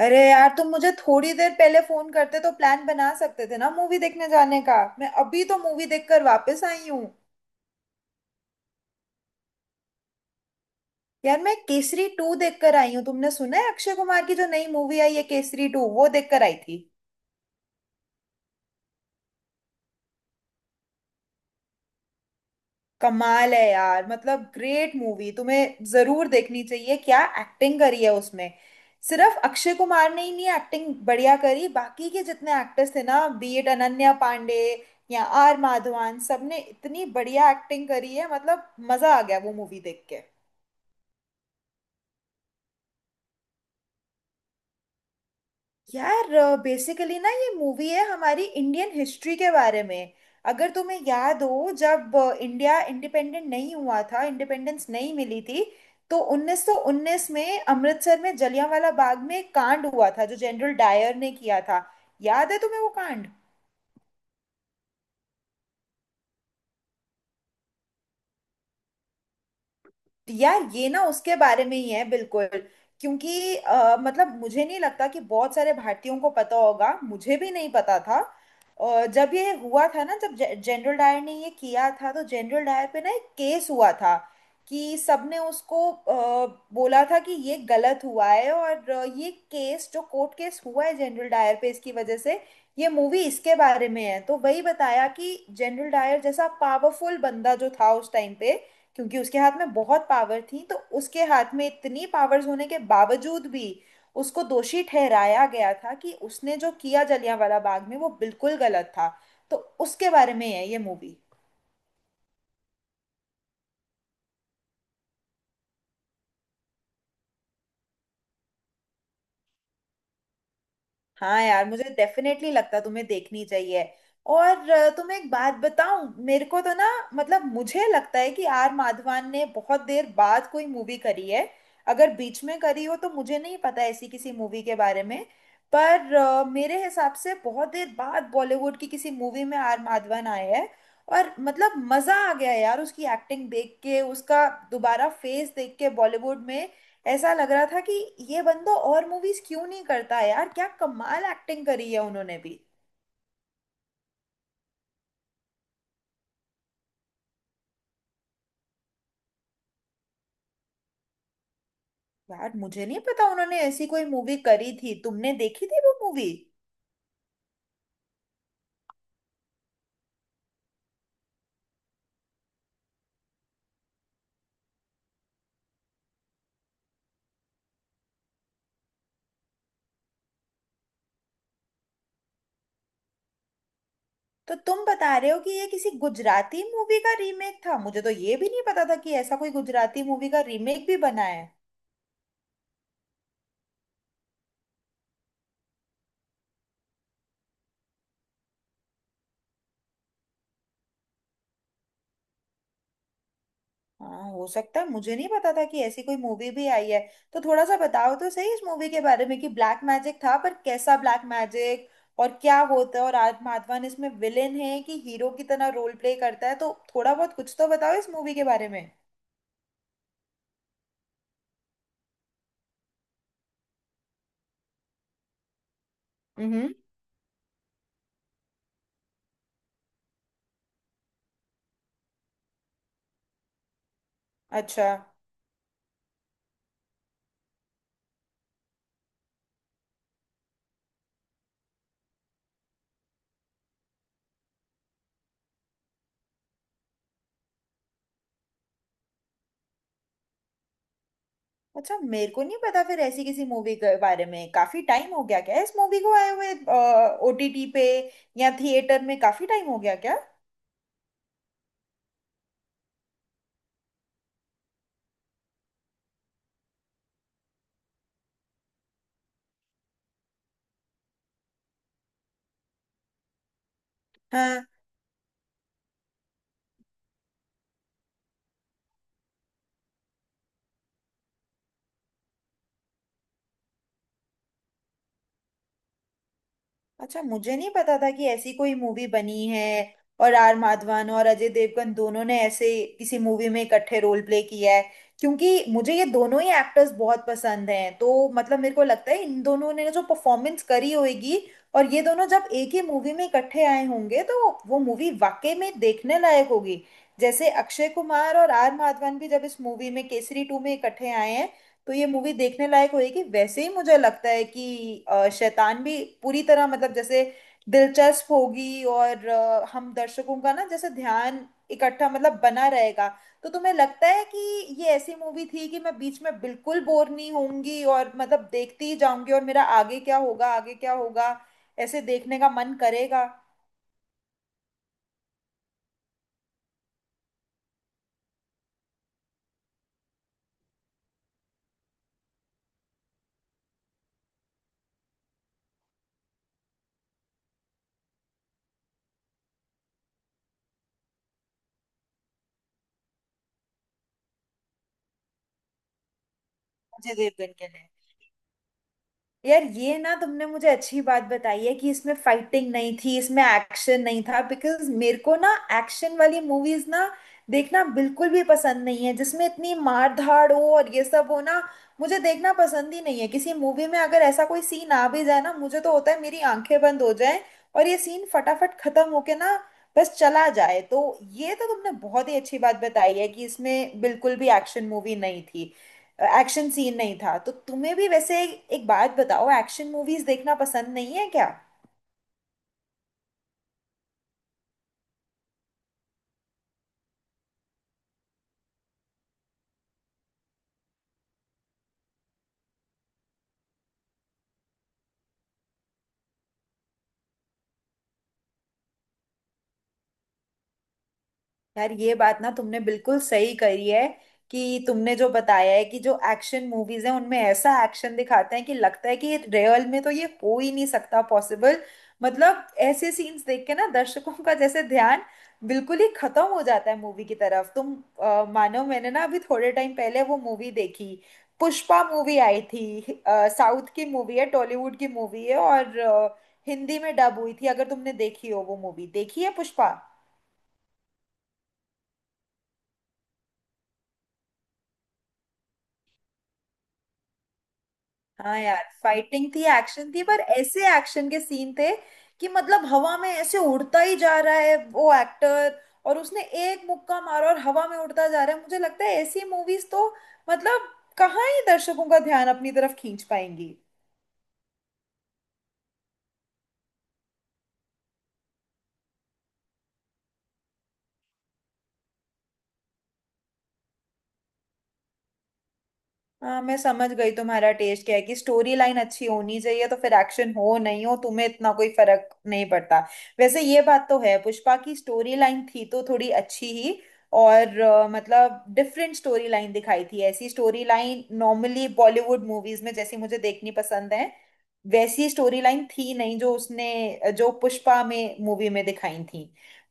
अरे यार तुम मुझे थोड़ी देर पहले फोन करते तो प्लान बना सकते थे ना मूवी देखने जाने का। मैं अभी तो मूवी देखकर वापस आई हूँ। यार मैं केसरी टू देखकर आई हूँ। तुमने सुना है अक्षय कुमार की जो नई मूवी आई है केसरी टू, वो देखकर आई थी। कमाल है यार, मतलब ग्रेट मूवी, तुम्हें जरूर देखनी चाहिए। क्या एक्टिंग करी है उसमें! सिर्फ अक्षय कुमार ने ही नहीं एक्टिंग बढ़िया करी, बाकी के जितने एक्टर्स थे ना, बी इट अनन्या पांडे या आर माधवन, सबने इतनी बढ़िया एक्टिंग करी है। मतलब मजा आ गया वो मूवी देख के। यार बेसिकली ना ये मूवी है हमारी इंडियन हिस्ट्री के बारे में। अगर तुम्हें याद हो, जब इंडिया इंडिपेंडेंट नहीं हुआ था, इंडिपेंडेंस नहीं मिली थी, तो 1919 में अमृतसर में जलियांवाला बाग में एक कांड हुआ था जो जनरल डायर ने किया था। याद है तुम्हें वो कांड? यार ये ना उसके बारे में ही है बिल्कुल। क्योंकि मतलब मुझे नहीं लगता कि बहुत सारे भारतीयों को पता होगा, मुझे भी नहीं पता था। और जब ये हुआ था ना, जब जनरल डायर ने ये किया था तो जनरल डायर पे ना एक केस हुआ था, कि सबने उसको बोला था कि ये गलत हुआ है। और ये केस जो कोर्ट केस हुआ है जनरल डायर पे, इसकी वजह से ये मूवी इसके बारे में है। तो वही बताया कि जनरल डायर जैसा पावरफुल बंदा जो था उस टाइम पे, क्योंकि उसके हाथ में बहुत पावर थी, तो उसके हाथ में इतनी पावर्स होने के बावजूद भी उसको दोषी ठहराया गया था कि उसने जो किया जलियांवाला बाग में वो बिल्कुल गलत था। तो उसके बारे में है ये मूवी। हाँ यार, मुझे डेफिनेटली लगता तुम्हें देखनी चाहिए। और तुम्हें एक बात बताऊं, मेरे को तो ना मतलब मुझे लगता है कि आर माधवन ने बहुत देर बाद कोई मूवी करी है। अगर बीच में करी हो तो मुझे नहीं पता ऐसी किसी मूवी के बारे में। पर मेरे हिसाब से बहुत देर बाद बॉलीवुड की किसी मूवी में आर माधवन आए हैं। और मतलब मजा आ गया यार उसकी एक्टिंग देख के, उसका दोबारा फेस देख के बॉलीवुड में। ऐसा लग रहा था कि ये बंदा और मूवीज क्यों नहीं करता है यार, क्या कमाल एक्टिंग करी है उन्होंने भी। यार मुझे नहीं पता उन्होंने ऐसी कोई मूवी करी थी। तुमने देखी थी वो मूवी? तो तुम बता रहे हो कि ये किसी गुजराती मूवी का रीमेक था। मुझे तो ये भी नहीं पता था कि ऐसा कोई गुजराती मूवी का रीमेक भी बना है। हाँ हो सकता है, मुझे नहीं पता था कि ऐसी कोई मूवी भी आई है। तो थोड़ा सा बताओ तो सही इस मूवी के बारे में कि ब्लैक मैजिक था पर कैसा ब्लैक मैजिक और क्या होता है, और आज माधवन इसमें विलेन है कि हीरो की तरह रोल प्ले करता है? तो थोड़ा बहुत कुछ तो बताओ इस मूवी के बारे में। हम्म। अच्छा अच्छा मेरे को नहीं पता फिर ऐसी किसी मूवी के बारे में। काफी टाइम हो गया क्या इस मूवी को आए हुए? ओटीटी पे या थिएटर में, काफी टाइम हो गया क्या? हाँ। अच्छा मुझे नहीं पता था कि ऐसी कोई मूवी बनी है। और आर माधवन और अजय देवगन दोनों ने ऐसे किसी मूवी में इकट्ठे रोल प्ले किया है। क्योंकि मुझे ये दोनों ही एक्टर्स बहुत पसंद हैं, तो मतलब मेरे को लगता है इन दोनों ने जो परफॉर्मेंस करी होगी और ये दोनों जब एक ही मूवी में इकट्ठे आए होंगे, तो वो मूवी वाकई में देखने लायक होगी। जैसे अक्षय कुमार और आर माधवन भी जब इस मूवी में केसरी टू में इकट्ठे आए हैं, तो ये मूवी देखने लायक होगी, वैसे ही मुझे लगता है कि शैतान भी पूरी तरह मतलब जैसे दिलचस्प होगी और हम दर्शकों का ना जैसे ध्यान इकट्ठा मतलब बना रहेगा। तो तुम्हें लगता है कि ये ऐसी मूवी थी कि मैं बीच में बिल्कुल बोर नहीं होंगी और मतलब देखती ही जाऊंगी और मेरा आगे क्या होगा ऐसे देखने का मन करेगा? अजय देवगन के लिए यार, ये ना तुमने मुझे अच्छी बात बताई है कि इसमें फाइटिंग नहीं थी, इसमें एक्शन नहीं था। बिकॉज मेरे को ना एक्शन वाली मूवीज ना देखना बिल्कुल भी पसंद नहीं है, जिसमें इतनी मार धाड़ हो और ये सब हो ना। मुझे देखना पसंद ही नहीं है, किसी मूवी में अगर ऐसा कोई सीन आ भी जाए ना मुझे तो होता है मेरी आंखें बंद हो जाए और ये सीन फटाफट खत्म होके ना बस चला जाए। तो ये तो तुमने बहुत ही अच्छी बात बताई है कि इसमें बिल्कुल भी एक्शन मूवी नहीं थी, एक्शन सीन नहीं था। तो तुम्हें भी वैसे एक बात बताओ, एक्शन मूवीज देखना पसंद नहीं है क्या? यार ये बात ना तुमने बिल्कुल सही करी है कि तुमने जो बताया है कि जो एक्शन मूवीज हैं उनमें ऐसा एक्शन दिखाते हैं कि लगता है कि रियल में तो ये हो ही नहीं सकता पॉसिबल। मतलब ऐसे सीन्स देख के ना दर्शकों का जैसे ध्यान बिल्कुल ही खत्म हो जाता है मूवी की तरफ, तुम मानो मैंने ना अभी थोड़े टाइम पहले वो मूवी देखी, पुष्पा मूवी आई थी। साउथ की मूवी है, टॉलीवुड की मूवी है, और हिंदी में डब हुई थी। अगर तुमने देखी हो वो मूवी, देखी है पुष्पा? हाँ यार, फाइटिंग थी एक्शन थी पर ऐसे एक्शन के सीन थे कि मतलब हवा में ऐसे उड़ता ही जा रहा है वो एक्टर, और उसने एक मुक्का मारा और हवा में उड़ता जा रहा है। मुझे लगता है ऐसी मूवीज तो मतलब कहाँ ही दर्शकों का ध्यान अपनी तरफ खींच पाएंगी। हाँ मैं समझ गई तुम्हारा टेस्ट क्या है, कि स्टोरी लाइन अच्छी होनी चाहिए तो फिर एक्शन हो नहीं हो तुम्हें इतना कोई फर्क नहीं पड़ता। वैसे ये बात तो है, पुष्पा की स्टोरी लाइन थी तो थोड़ी अच्छी ही, और मतलब डिफरेंट स्टोरी लाइन दिखाई थी। ऐसी story line normally Bollywood movies में जैसी मुझे देखनी पसंद है वैसी स्टोरी लाइन थी नहीं, जो उसने जो पुष्पा में मूवी में दिखाई थी।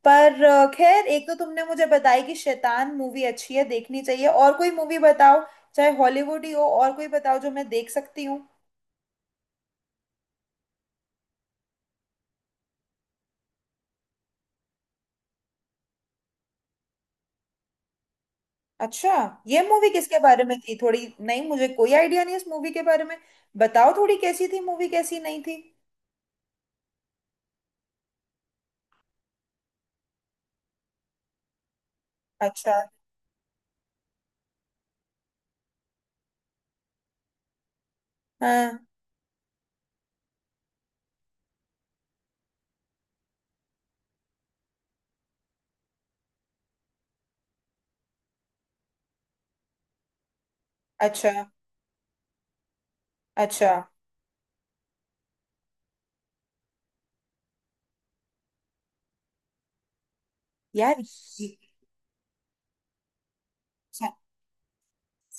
पर खैर, एक तो तुमने मुझे बताई कि शैतान मूवी अच्छी है देखनी चाहिए, और कोई मूवी बताओ, चाहे हॉलीवुड ही हो, और कोई बताओ जो मैं देख सकती हूँ। अच्छा, ये मूवी किसके बारे में थी? थोड़ी, नहीं मुझे कोई आइडिया नहीं इस मूवी के बारे में। बताओ थोड़ी कैसी थी मूवी, कैसी नहीं थी। अच्छा। हाँ। अच्छा अच्छा। यार ये-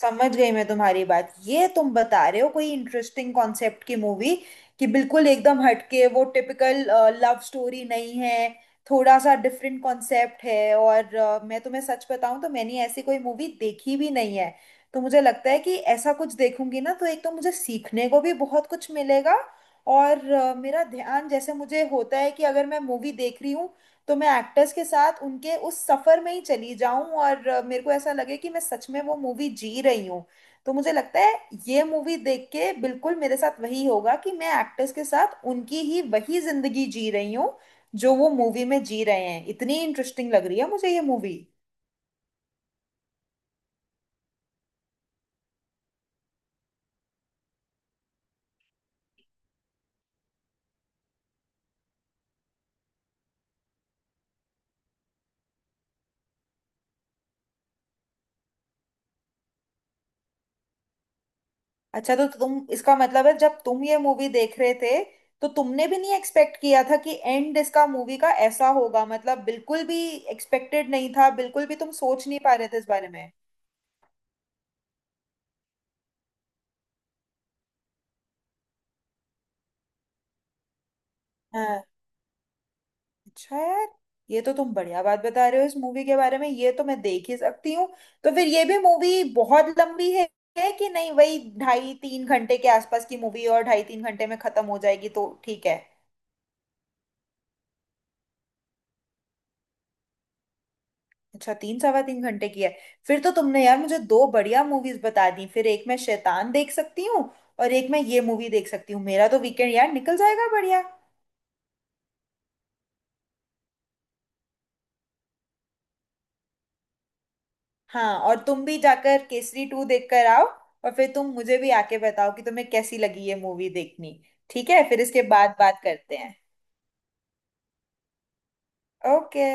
समझ गई मैं तुम्हारी बात, ये तुम बता रहे हो कोई इंटरेस्टिंग कॉन्सेप्ट की मूवी कि बिल्कुल एकदम हटके, वो टिपिकल लव स्टोरी नहीं है, थोड़ा सा डिफरेंट कॉन्सेप्ट है। और मैं तुम्हें सच बताऊं तो मैंने ऐसी कोई मूवी देखी भी नहीं है। तो मुझे लगता है कि ऐसा कुछ देखूंगी ना तो एक तो मुझे सीखने को भी बहुत कुछ मिलेगा, और मेरा ध्यान जैसे मुझे होता है कि अगर मैं मूवी देख रही हूँ तो मैं एक्टर्स के साथ उनके उस सफर में ही चली जाऊं, और मेरे को ऐसा लगे कि मैं सच में वो मूवी जी रही हूं। तो मुझे लगता है ये मूवी देख के बिल्कुल मेरे साथ वही होगा कि मैं एक्टर्स के साथ उनकी ही वही जिंदगी जी रही हूँ जो वो मूवी में जी रहे हैं। इतनी इंटरेस्टिंग लग रही है मुझे ये मूवी। अच्छा तो तुम इसका मतलब है जब तुम ये मूवी देख रहे थे तो तुमने भी नहीं एक्सपेक्ट किया था कि एंड इसका मूवी का ऐसा होगा, मतलब बिल्कुल भी एक्सपेक्टेड नहीं था, बिल्कुल भी तुम सोच नहीं पा रहे थे इस बारे में। हाँ। अच्छा यार, ये तो तुम बढ़िया बात बता रहे हो इस मूवी के बारे में, ये तो मैं देख ही सकती हूँ। तो फिर ये भी मूवी बहुत लंबी है कि नहीं, वही ढाई तीन घंटे के आसपास की मूवी, और ढाई तीन घंटे में खत्म हो जाएगी तो ठीक है। अच्छा तीन सवा तीन घंटे की है। फिर तो तुमने यार मुझे दो बढ़िया मूवीज बता दी, फिर एक मैं शैतान देख सकती हूँ और एक मैं ये मूवी देख सकती हूँ, मेरा तो वीकेंड यार निकल जाएगा बढ़िया। हाँ और तुम भी जाकर केसरी टू देख कर आओ, और फिर तुम मुझे भी आके बताओ कि तुम्हें कैसी लगी ये मूवी देखनी। ठीक है? फिर इसके बाद बात करते हैं। ओके।